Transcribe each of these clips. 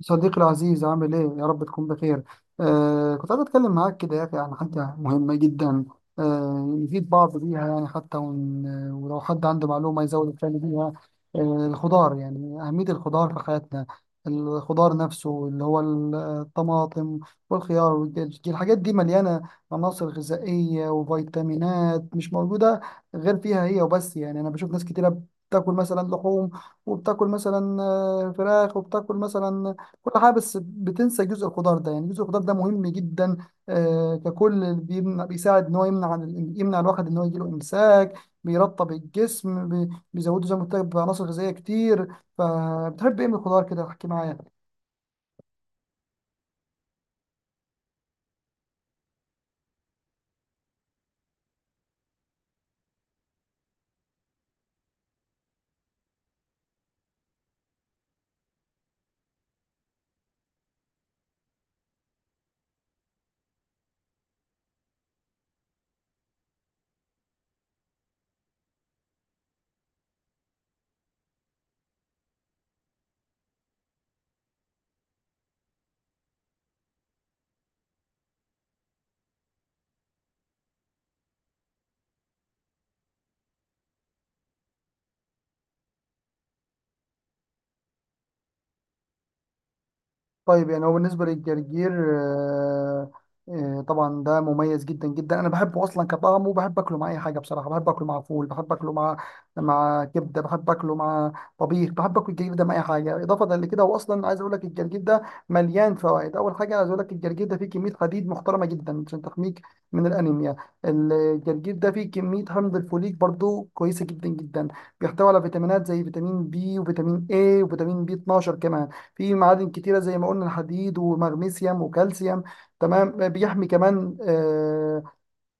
صديقي العزيز عامل ايه؟ يا رب تكون بخير. كنت عايز اتكلم معاك كده يا اخي عن حاجة مهمة جدا. نفيد بعض بيها، يعني حتى ولو حد عنده معلومة يزود الثاني بيها. الخضار، يعني أهمية الخضار في حياتنا. الخضار نفسه اللي هو الطماطم والخيار والدجاج، الحاجات دي مليانة عناصر غذائية وفيتامينات مش موجودة غير فيها هي وبس. يعني أنا بشوف ناس كتيرة بتاكل مثلا لحوم، وبتاكل مثلا فراخ، وبتاكل مثلا كل حاجه، بس بتنسى جزء الخضار ده. يعني جزء الخضار ده مهم جدا، ككل بيساعد ان هو يمنع يمنع الواحد ان هو يجيله امساك، بيرطب الجسم، بيزوده زي ما قلت لك بعناصر غذائيه كتير. فبتحب ايه من الخضار؟ كده احكي معايا. طيب، يعني هو بالنسبة للجرجير، آه، طبعا ده مميز جدا جدا. انا بحبه اصلا كطعم، وبحب اكله مع اي حاجه بصراحه. بحب اكله مع فول، بحب اكله مع كبده، بحب اكله مع طبيخ. بحب اكل الجرجير ده مع اي حاجه. اضافه لكده، هو اصلا عايز اقول لك الجرجير ده مليان فوائد. اول حاجه عايز اقول لك الجرجير ده فيه كميه حديد محترمه جدا عشان تحميك من الانيميا. الجرجير ده فيه كميه حمض الفوليك برضو كويسه جدا جدا. بيحتوي على فيتامينات زي فيتامين بي، وفيتامين اي، وفيتامين بي 12 كمان. في معادن كتيرة، زي ما قلنا الحديد ومغنيسيوم وكالسيوم. تمام. بيحمي كمان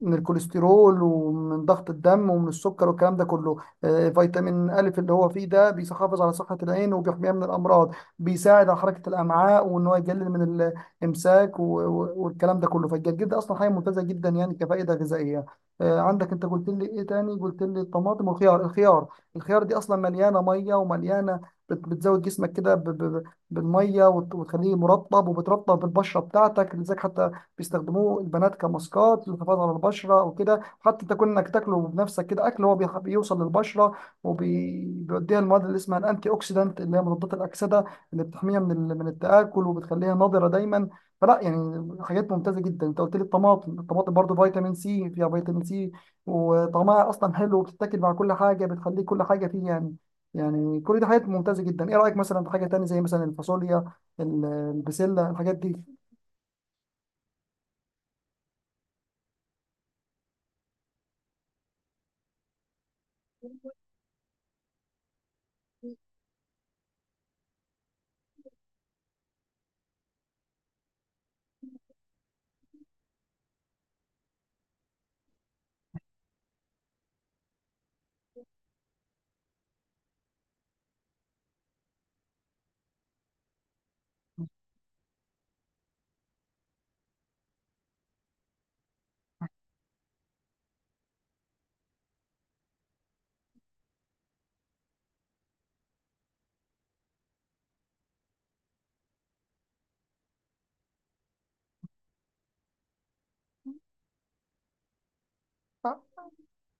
من الكوليسترول ومن ضغط الدم ومن السكر والكلام ده كله. فيتامين ألف اللي هو فيه ده بيحافظ على صحة العين وبيحميها من الأمراض. بيساعد على حركة الأمعاء وإن هو يقلل من الإمساك والكلام ده كله. فالجرجير ده أصلا حاجة ممتازة جدا يعني كفائدة غذائية. عندك أنت قلت لي إيه تاني؟ قلت لي الطماطم والخيار. الخيار دي أصلا مليانة مية، ومليانة بتزود جسمك كده بالميه، وتخليه مرطب، وبترطب البشره بتاعتك. لذلك حتى بيستخدموه البنات كماسكات للحفاظ على البشره، او كده حتى تكون انك تاكله بنفسك كده اكل، هو بيوصل للبشره وبيوديها المواد اللي اسمها الانتي اوكسيدانت اللي هي مضادات الاكسده، اللي بتحميها من من التاكل وبتخليها نضره دايما. فلا يعني حاجات ممتازه جدا. انت قلت لي الطماطم. الطماطم برضو فيتامين سي، فيها فيتامين سي، وطعمها اصلا حلو، وبتتاكل مع كل حاجه، بتخلي كل حاجه فيه يعني. يعني كل دي حاجات ممتازه جدا. ايه رايك مثلا في حاجه تانية زي مثلا الفاصوليا، البسله، الحاجات دي؟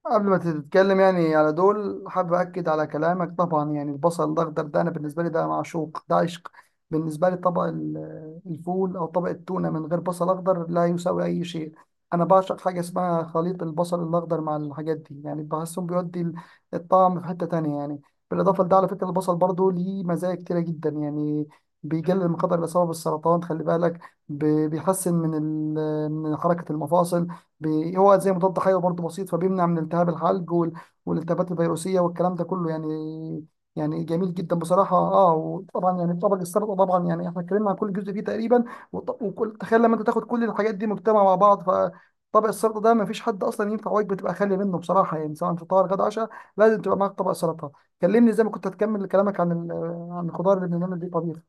قبل ما تتكلم يعني على دول، حابب أكد على كلامك طبعا. يعني البصل الأخضر ده، أنا بالنسبة لي ده معشوق، ده عشق. بالنسبة لي طبق الفول أو طبق التونة من غير بصل أخضر لا يساوي أي شيء. أنا بعشق حاجة اسمها خليط البصل الأخضر مع الحاجات دي. يعني بحسهم بيودي الطعم في حتة تانية يعني. بالإضافة لده، على فكرة البصل برضو ليه مزايا كتيرة جدا يعني. بيقلل من خطر الإصابة بالسرطان، خلي بالك. بيحسن من من حركة المفاصل. هو زي مضاد حيوي برضه بسيط، فبيمنع من التهاب الحلق والالتهابات الفيروسيه والكلام ده كله يعني. يعني جميل جدا بصراحه. اه، وطبعا يعني طبق السلطه، طبعا يعني احنا اتكلمنا عن كل جزء فيه تقريبا وكل. تخيل لما انت تاخد كل الحاجات دي مجتمعه مع بعض، فطبق السلطه ده ما فيش حد اصلا ينفع وجبه تبقى خاليه منه بصراحه يعني، سواء فطار، غدا، عشاء، لازم تبقى معاك طبق سلطه. كلمني زي ما كنت هتكمل كلامك عن عن الخضار اللي بنعمل بيه طبيخ.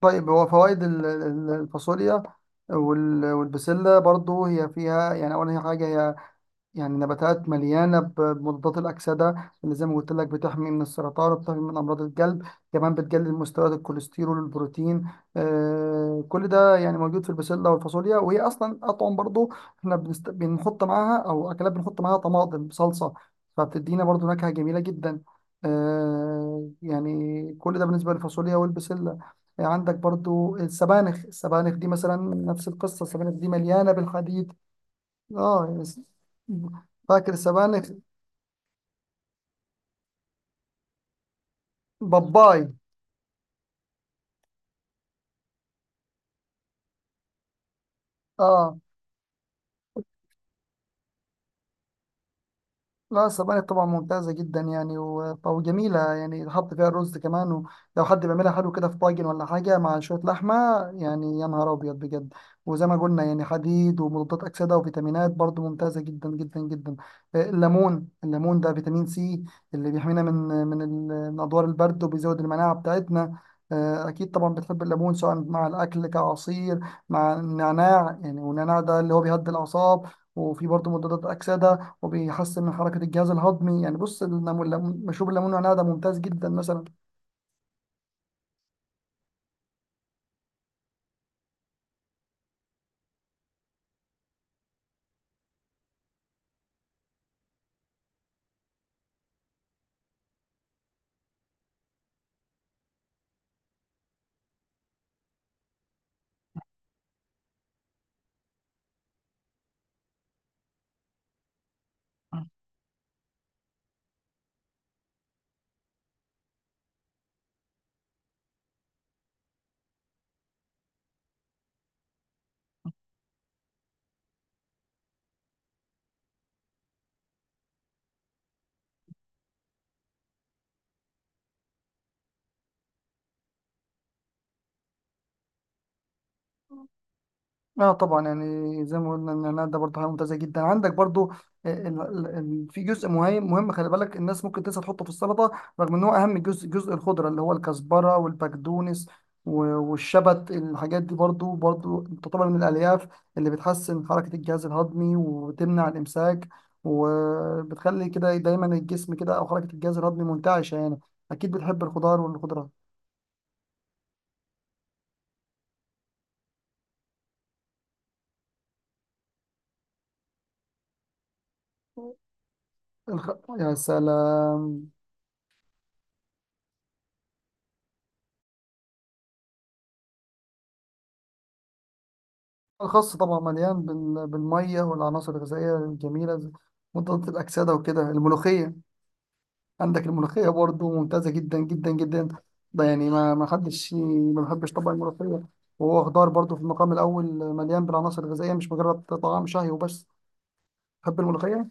طيب، هو فوائد الفاصوليا والبسلة برضو، هي فيها يعني أول حاجة، هي يعني نباتات مليانة بمضادات الأكسدة اللي زي ما قلت لك بتحمي من السرطان وبتحمي من أمراض القلب. كمان بتقلل مستويات الكوليسترول والبروتين. كل ده يعني موجود في البسلة والفاصوليا، وهي أصلا أطعم برضو. احنا بنحط معاها، أو أكلات بنحط معاها طماطم صلصة، فبتدينا برضو نكهة جميلة جدا. يعني كل ده بالنسبة للفاصوليا والبسلة. عندك برضو السبانخ. السبانخ دي مثلا نفس القصة، السبانخ دي مليانة بالحديد. اه، فاكر السبانخ؟ باباي. اه. لا، السبانخ طبعا ممتازة جدا يعني، وجميلة يعني، تحط فيها الرز كمان، ولو حد بيعملها حلو كده في طاجن ولا حاجة مع شوية لحمة، يعني يا نهار أبيض بجد. وزي ما قلنا يعني، حديد ومضادات أكسدة وفيتامينات، برضو ممتازة جدا جدا جدا. الليمون، الليمون ده فيتامين سي، اللي بيحمينا من من أدوار البرد، وبيزود المناعة بتاعتنا. أكيد طبعا بتحب الليمون، سواء مع الأكل كعصير، مع النعناع يعني. والنعناع ده اللي هو بيهدي الأعصاب، وفي برضه مضادات أكسدة، وبيحسن من حركة الجهاز الهضمي. يعني بص، الليمون، مشروب الليمون والنعناع ده ممتاز جدا مثلا. اه، طبعا يعني زي ما قلنا ان انا ده برضه حاجه ممتازه جدا. عندك برضه في جزء مهم مهم، خلي بالك، الناس ممكن تنسى تحطه في السلطه، رغم ان هو اهم جزء. جزء الخضره اللي هو الكزبره والبقدونس والشبت، الحاجات دي برضه برضه تعتبر من الالياف اللي بتحسن حركه الجهاز الهضمي، وبتمنع الامساك، وبتخلي كده دايما الجسم كده، او حركه الجهاز الهضمي منتعشه يعني. اكيد بتحب الخضار والخضره. الخ... يا سلام. الخاص طبعا مليان بالميه والعناصر الغذائيه الجميله زي مضادات الاكسده وكده. الملوخيه، عندك الملوخيه برضو ممتازه جدا جدا جدا. ده يعني ما حدش ما بحبش طبعا الملوخيه، وهو خضار برضو في المقام الاول، مليان بالعناصر الغذائيه، مش مجرد طعام شهي وبس. بحب الملوخيه.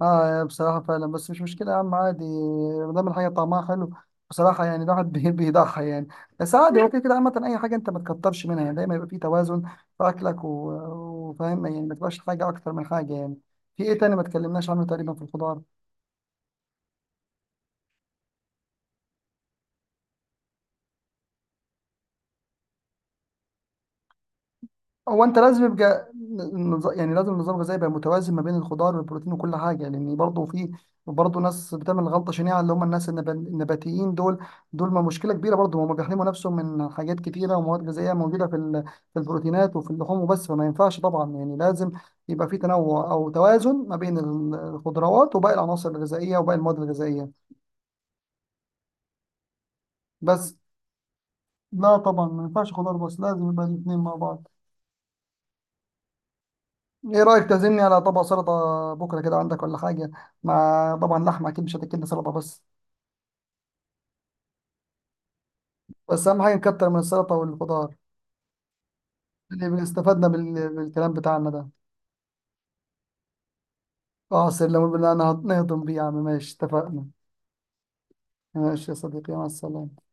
اه، يا بصراحة فعلا، بس مش مشكلة يا عم، عادي ما دام الحاجة طعمها حلو. بصراحة يعني الواحد بيضحي يعني، بس عادي هو كده كده. عامة أي حاجة أنت ما تكترش منها، يعني دايما يبقى في توازن في أكلك، وفاهم يعني، ما تبقاش حاجة أكتر من حاجة يعني. في إيه تاني ما تكلمناش عنه تقريبا في الخضار؟ هو انت لازم يبقى يعني لازم النظام الغذائي يبقى متوازن ما بين الخضار والبروتين وكل حاجه، لان برضه في برضه ناس بتعمل غلطه شنيعه اللي هم الناس النباتيين دول. دول ما مشكله كبيره برضه. هم بيحرموا نفسهم من حاجات كتيره ومواد غذائيه موجوده في في البروتينات وفي اللحوم وبس. فما ينفعش طبعا يعني، لازم يبقى في تنوع او توازن ما بين الخضروات وباقي العناصر الغذائيه وباقي المواد الغذائيه. بس لا، طبعا ما ينفعش خضار بس، لازم يبقى الاثنين مع بعض. ايه رايك تعزمني على طبق سلطه بكره كده عندك ولا حاجه؟ مع طبعا لحمه اكيد، مش هتاكلنا سلطه بس. بس اهم حاجه نكتر من السلطه والخضار، اللي استفدنا بالكلام بتاعنا ده. اه سلم، انا نهضم بيه يا عم، ماشي، اتفقنا. ماشي يا صديقي، مع السلامه.